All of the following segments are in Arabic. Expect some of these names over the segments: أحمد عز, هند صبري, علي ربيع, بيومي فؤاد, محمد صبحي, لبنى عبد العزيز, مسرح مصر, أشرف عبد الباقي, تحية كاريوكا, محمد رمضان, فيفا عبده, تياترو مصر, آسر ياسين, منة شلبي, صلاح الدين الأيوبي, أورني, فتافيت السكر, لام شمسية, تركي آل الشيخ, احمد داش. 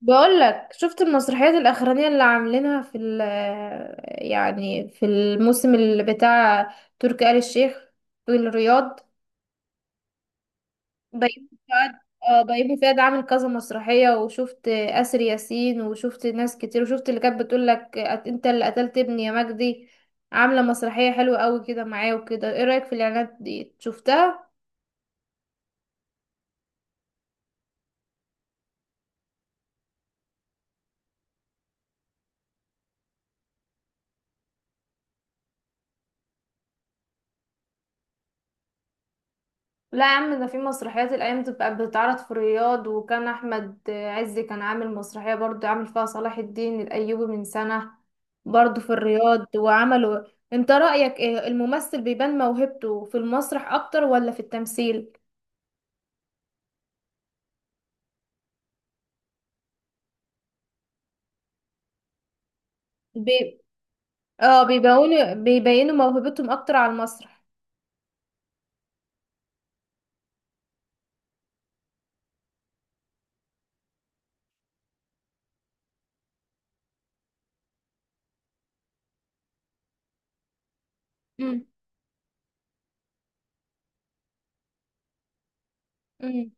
بقول لك شفت المسرحيات الأخرانية اللي عاملينها في في الموسم اللي بتاع تركي آل الشيخ في الرياض. بيومي فؤاد. اه، بيومي فؤاد عامل كذا مسرحية، وشفت آسر ياسين، وشفت ناس كتير، وشفت اللي كانت بتقول لك: انت اللي قتلت ابني يا مجدي. عاملة مسرحية حلوة قوي كده معاه وكده. ايه رأيك في الإعلانات دي، شفتها؟ لا يا عم، ده في مسرحيات الايام بتبقى بتتعرض في الرياض، وكان احمد عز كان عامل مسرحيه برضو، عامل فيها صلاح الدين الايوبي من سنه، برضو في الرياض، وعملوا. انت رايك ايه؟ الممثل بيبان موهبته في المسرح اكتر ولا في التمثيل؟ بي... اه، بيبينوا موهبتهم اكتر على المسرح. امم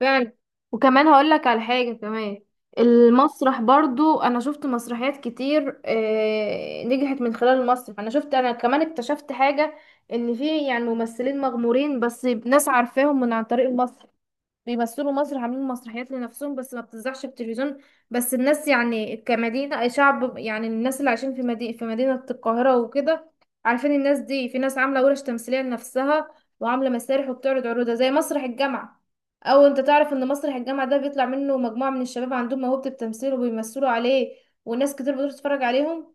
فعلا. وكمان هقول لك على حاجة كمان. المسرح برضو، انا شفت مسرحيات كتير نجحت من خلال المسرح. انا شفت، انا كمان اكتشفت حاجة: ان في ممثلين مغمورين بس ناس عارفاهم من عن طريق المسرح، بيمثلوا مصر، عاملين مسرحيات لنفسهم بس ما بتذاعش في التلفزيون. بس الناس يعني كمدينة أي شعب، يعني الناس اللي عايشين في مدينة في مدينة القاهرة وكده، عارفين الناس دي. في ناس عاملة ورش تمثيلية لنفسها، وعاملة مسارح وبتعرض عروضها زي مسرح الجامعة. أو أنت تعرف إن مسرح الجامعة ده بيطلع منه مجموعة من الشباب عندهم موهبة التمثيل، وبيمثلوا عليه، وناس كتير بتروح تتفرج عليهم.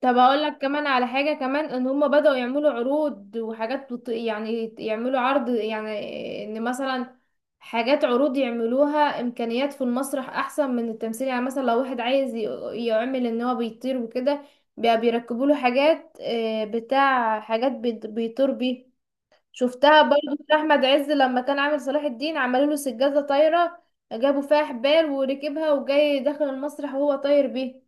طب هقول لك كمان على حاجة كمان: ان هم بدأوا يعملوا عروض وحاجات يعني يعملوا عرض، يعني ان مثلا حاجات عروض يعملوها. امكانيات في المسرح احسن من التمثيل. يعني مثلا لو واحد عايز يعمل ان هو بيطير وكده، بقى بيركبوا له حاجات، بتاع حاجات بيطير بيه. شفتها برضو في احمد عز لما كان عامل صلاح الدين، عملوا له سجادة طايرة، جابوا فيها حبال، وركبها وجاي داخل المسرح وهو طاير بيه.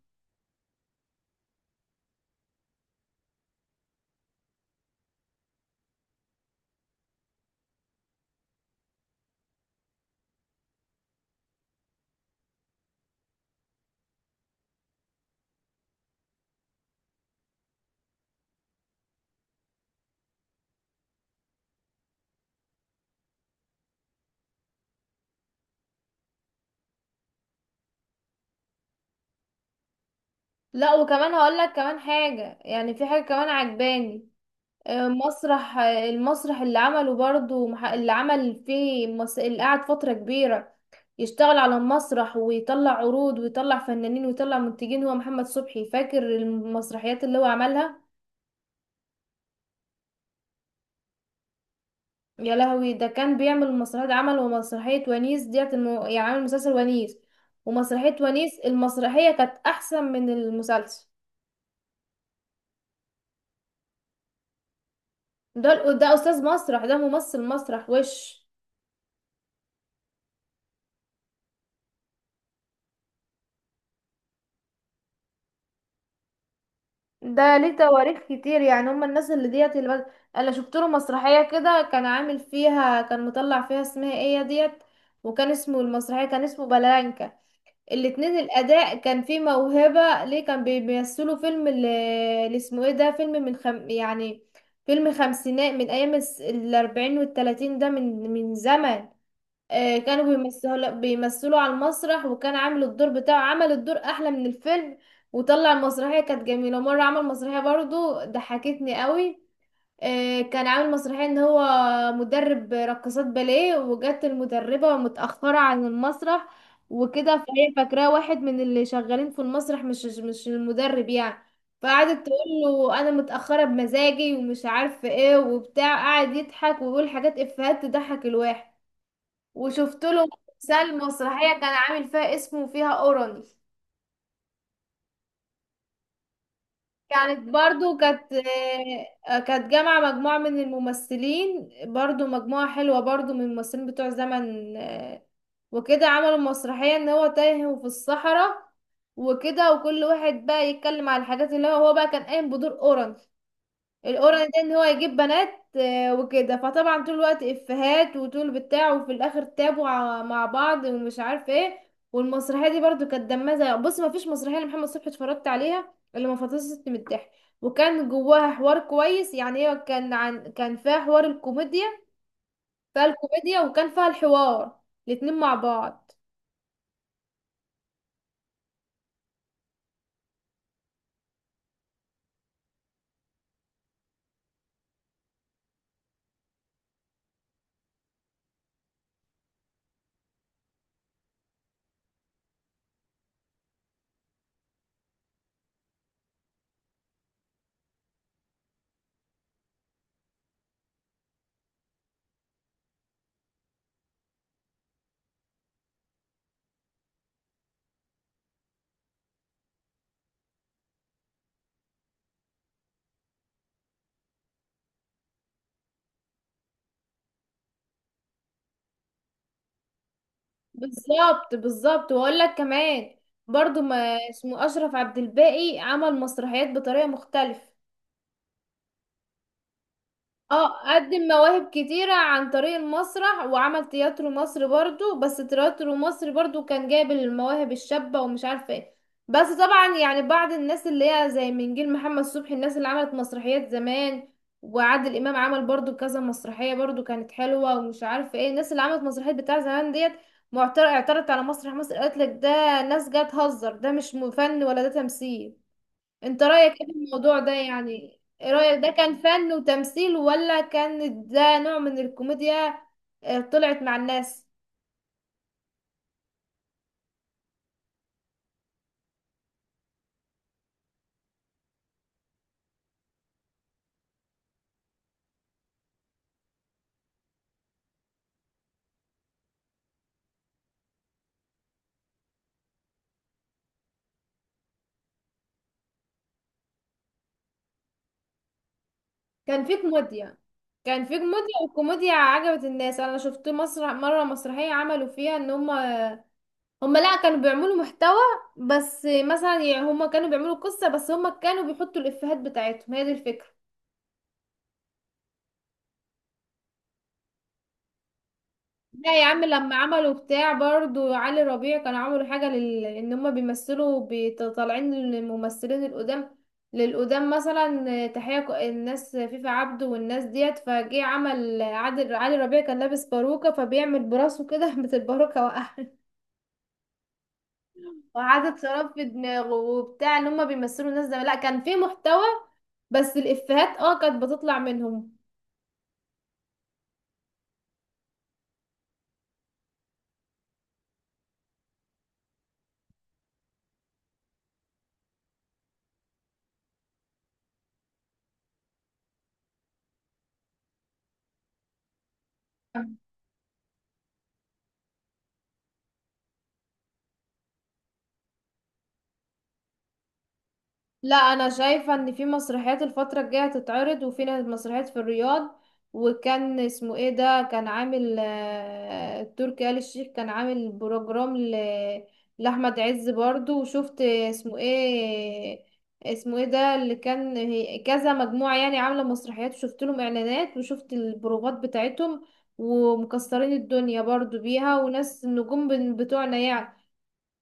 لا، وكمان هقول لك كمان حاجة، يعني في حاجة كمان عجباني. مسرح المسرح اللي عمله برضو، اللي عمل فيه اللي قعد فترة كبيرة يشتغل على المسرح، ويطلع عروض، ويطلع فنانين، ويطلع منتجين، هو محمد صبحي. فاكر المسرحيات اللي هو عملها؟ يا لهوي، ده كان بيعمل مسرحيات، عمل ومسرحية ونيس ديت يعني عامل مسلسل ونيس ومسرحية ونيس. المسرحية كانت أحسن من المسلسل. ده أستاذ مسرح، ده ممثل مسرح وش. ده ليه تواريخ كتير، يعني هم الناس اللي ديت انا شفت له مسرحيه كده، كان عامل فيها، كان مطلع فيها اسمها ايه ديت، وكان اسمه المسرحيه، كان اسمه بلانكا. الاتنين الاداء كان فيه موهبه ليه. كان بيمثلوا فيلم اللي اسمه ايه ده. فيلم يعني فيلم خمسينات، من ايام الاربعين والتلاتين، ده من زمن. كانوا بيمثلوا على المسرح، وكان عامل الدور بتاعه، عمل الدور احلى من الفيلم، وطلع المسرحيه كانت جميله مره. عمل مسرحيه برضو ضحكتني قوي. كان عامل مسرحيه ان هو مدرب رقصات باليه، وجت المدربه متاخره عن المسرح وكده، فهي فاكراه واحد من اللي شغالين في المسرح، مش المدرب يعني. فقعدت تقول له: انا متاخره بمزاجي ومش عارفه ايه وبتاع. قعد يضحك ويقول حاجات افيهات تضحك الواحد. وشفت له مسلسل مسرحية كان عامل فيها اسمه، فيها أورني. كانت برضو كانت جامعة مجموعة من الممثلين، برضو مجموعة حلوة برضو من الممثلين بتوع زمن، وكده. عملوا مسرحية ان هو تايه وفي الصحراء وكده، وكل واحد بقى يتكلم على الحاجات اللي هو هو بقى كان قايم بدور أورني القرعة، ده ان هو يجيب بنات وكده. فطبعا طول الوقت افيهات وطول بتاع، وفي الاخر تابوا مع بعض ومش عارف ايه. والمسرحيه دي برضو كانت دمها زي بص، ما فيش مسرحيه لمحمد صبحي اتفرجت عليها اللي ما فطستني من الضحك. وكان جواها حوار كويس، يعني هي كان عن، كان فيها حوار الكوميديا. فيها الكوميديا وكان فيها الحوار، الاتنين مع بعض. بالظبط بالظبط، واقول لك كمان: برضو ما اسمه، اشرف عبد الباقي، عمل مسرحيات بطريقه مختلفه. اه، قدم مواهب كتيرة عن طريق المسرح، وعمل تياترو مصر برضو. بس تياترو مصر برضو كان جايب المواهب الشابة ومش عارفة ايه. بس طبعا يعني بعض الناس اللي هي زي من جيل محمد صبحي، الناس اللي عملت مسرحيات زمان، وعادل امام عمل برضو كذا مسرحية برضو كانت حلوة، ومش عارفة ايه الناس اللي عملت مسرحيات بتاع زمان ديت، معترض اعترضت على مسرح مصر. قالت لك ده ناس جايه تهزر، ده مش فن، ولا ده تمثيل. انت رأيك ايه في الموضوع ده؟ يعني ايه رأيك، ده كان فن وتمثيل ولا كان ده نوع من الكوميديا؟ طلعت مع الناس. كان في كوميديا كان في كوميديا والكوميديا عجبت الناس. انا شفت مسرح مرة، مسرحية عملوا فيها ان هم، هم لا، كانوا بيعملوا محتوى. بس مثلا يعني هم كانوا بيعملوا قصة، بس هم كانوا بيحطوا الإفيهات بتاعتهم، هي دي الفكرة. لا يا عم، لما عملوا بتاع برضو علي ربيع، كانوا عملوا حاجة ان هما بيمثلوا طالعين الممثلين القدام للقدام، مثلا تحية الناس فيفا عبده والناس ديت فجه. عمل عادل، علي ربيع كان لابس باروكة فبيعمل براسه كده بس الباروكة وقع، وعادة شراب في دماغه وبتاع، ان هما بيمثلوا الناس زمان. لا، كان في محتوى، بس الإفيهات اه كانت بتطلع منهم. لا، انا شايفه ان في مسرحيات الفتره الجايه هتتعرض، وفي مسرحيات في الرياض. وكان اسمه ايه ده كان عامل، تركي آل الشيخ كان عامل بروجرام لاحمد عز برضو. وشفت اسمه ايه، اسمه ايه ده اللي كان كذا مجموعه يعني، عامله مسرحيات، وشفت لهم اعلانات، وشفت البروفات بتاعتهم، ومكسرين الدنيا برضو بيها. وناس النجوم بتوعنا يعني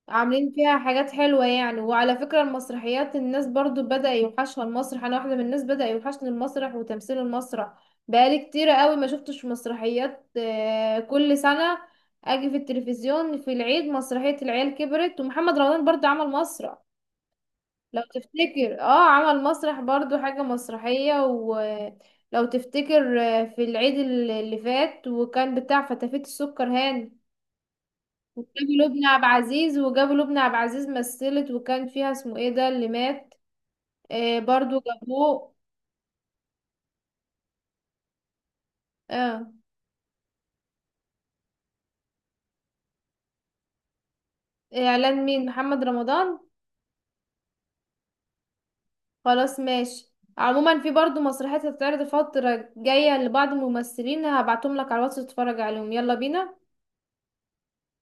عاملين فيها حاجات حلوة يعني. وعلى فكرة المسرحيات، الناس برضو بدأ يوحشها المسرح، أنا واحدة من الناس بدأ يوحشني المسرح وتمثيل المسرح. بقالي كتير قوي ما شفتش مسرحيات كل سنة أجي في التلفزيون في العيد مسرحية العيال كبرت. ومحمد رمضان برضو عمل مسرح، لو تفتكر، اه، عمل مسرح برضو حاجة مسرحية. ولو تفتكر، في العيد اللي فات، وكان بتاع فتافيت السكر هاني، وجابوا لبنى عبد العزيز، مثلت وكان فيها اسمه ايه ده اللي مات، آه برضو جابوه. اه. اعلان مين، محمد رمضان؟ خلاص، ماشي. عموما في برضو مسرحيات هتتعرض الفترة الجاية لبعض الممثلين، هبعتهم لك على الواتس تتفرج عليهم. يلا بينا.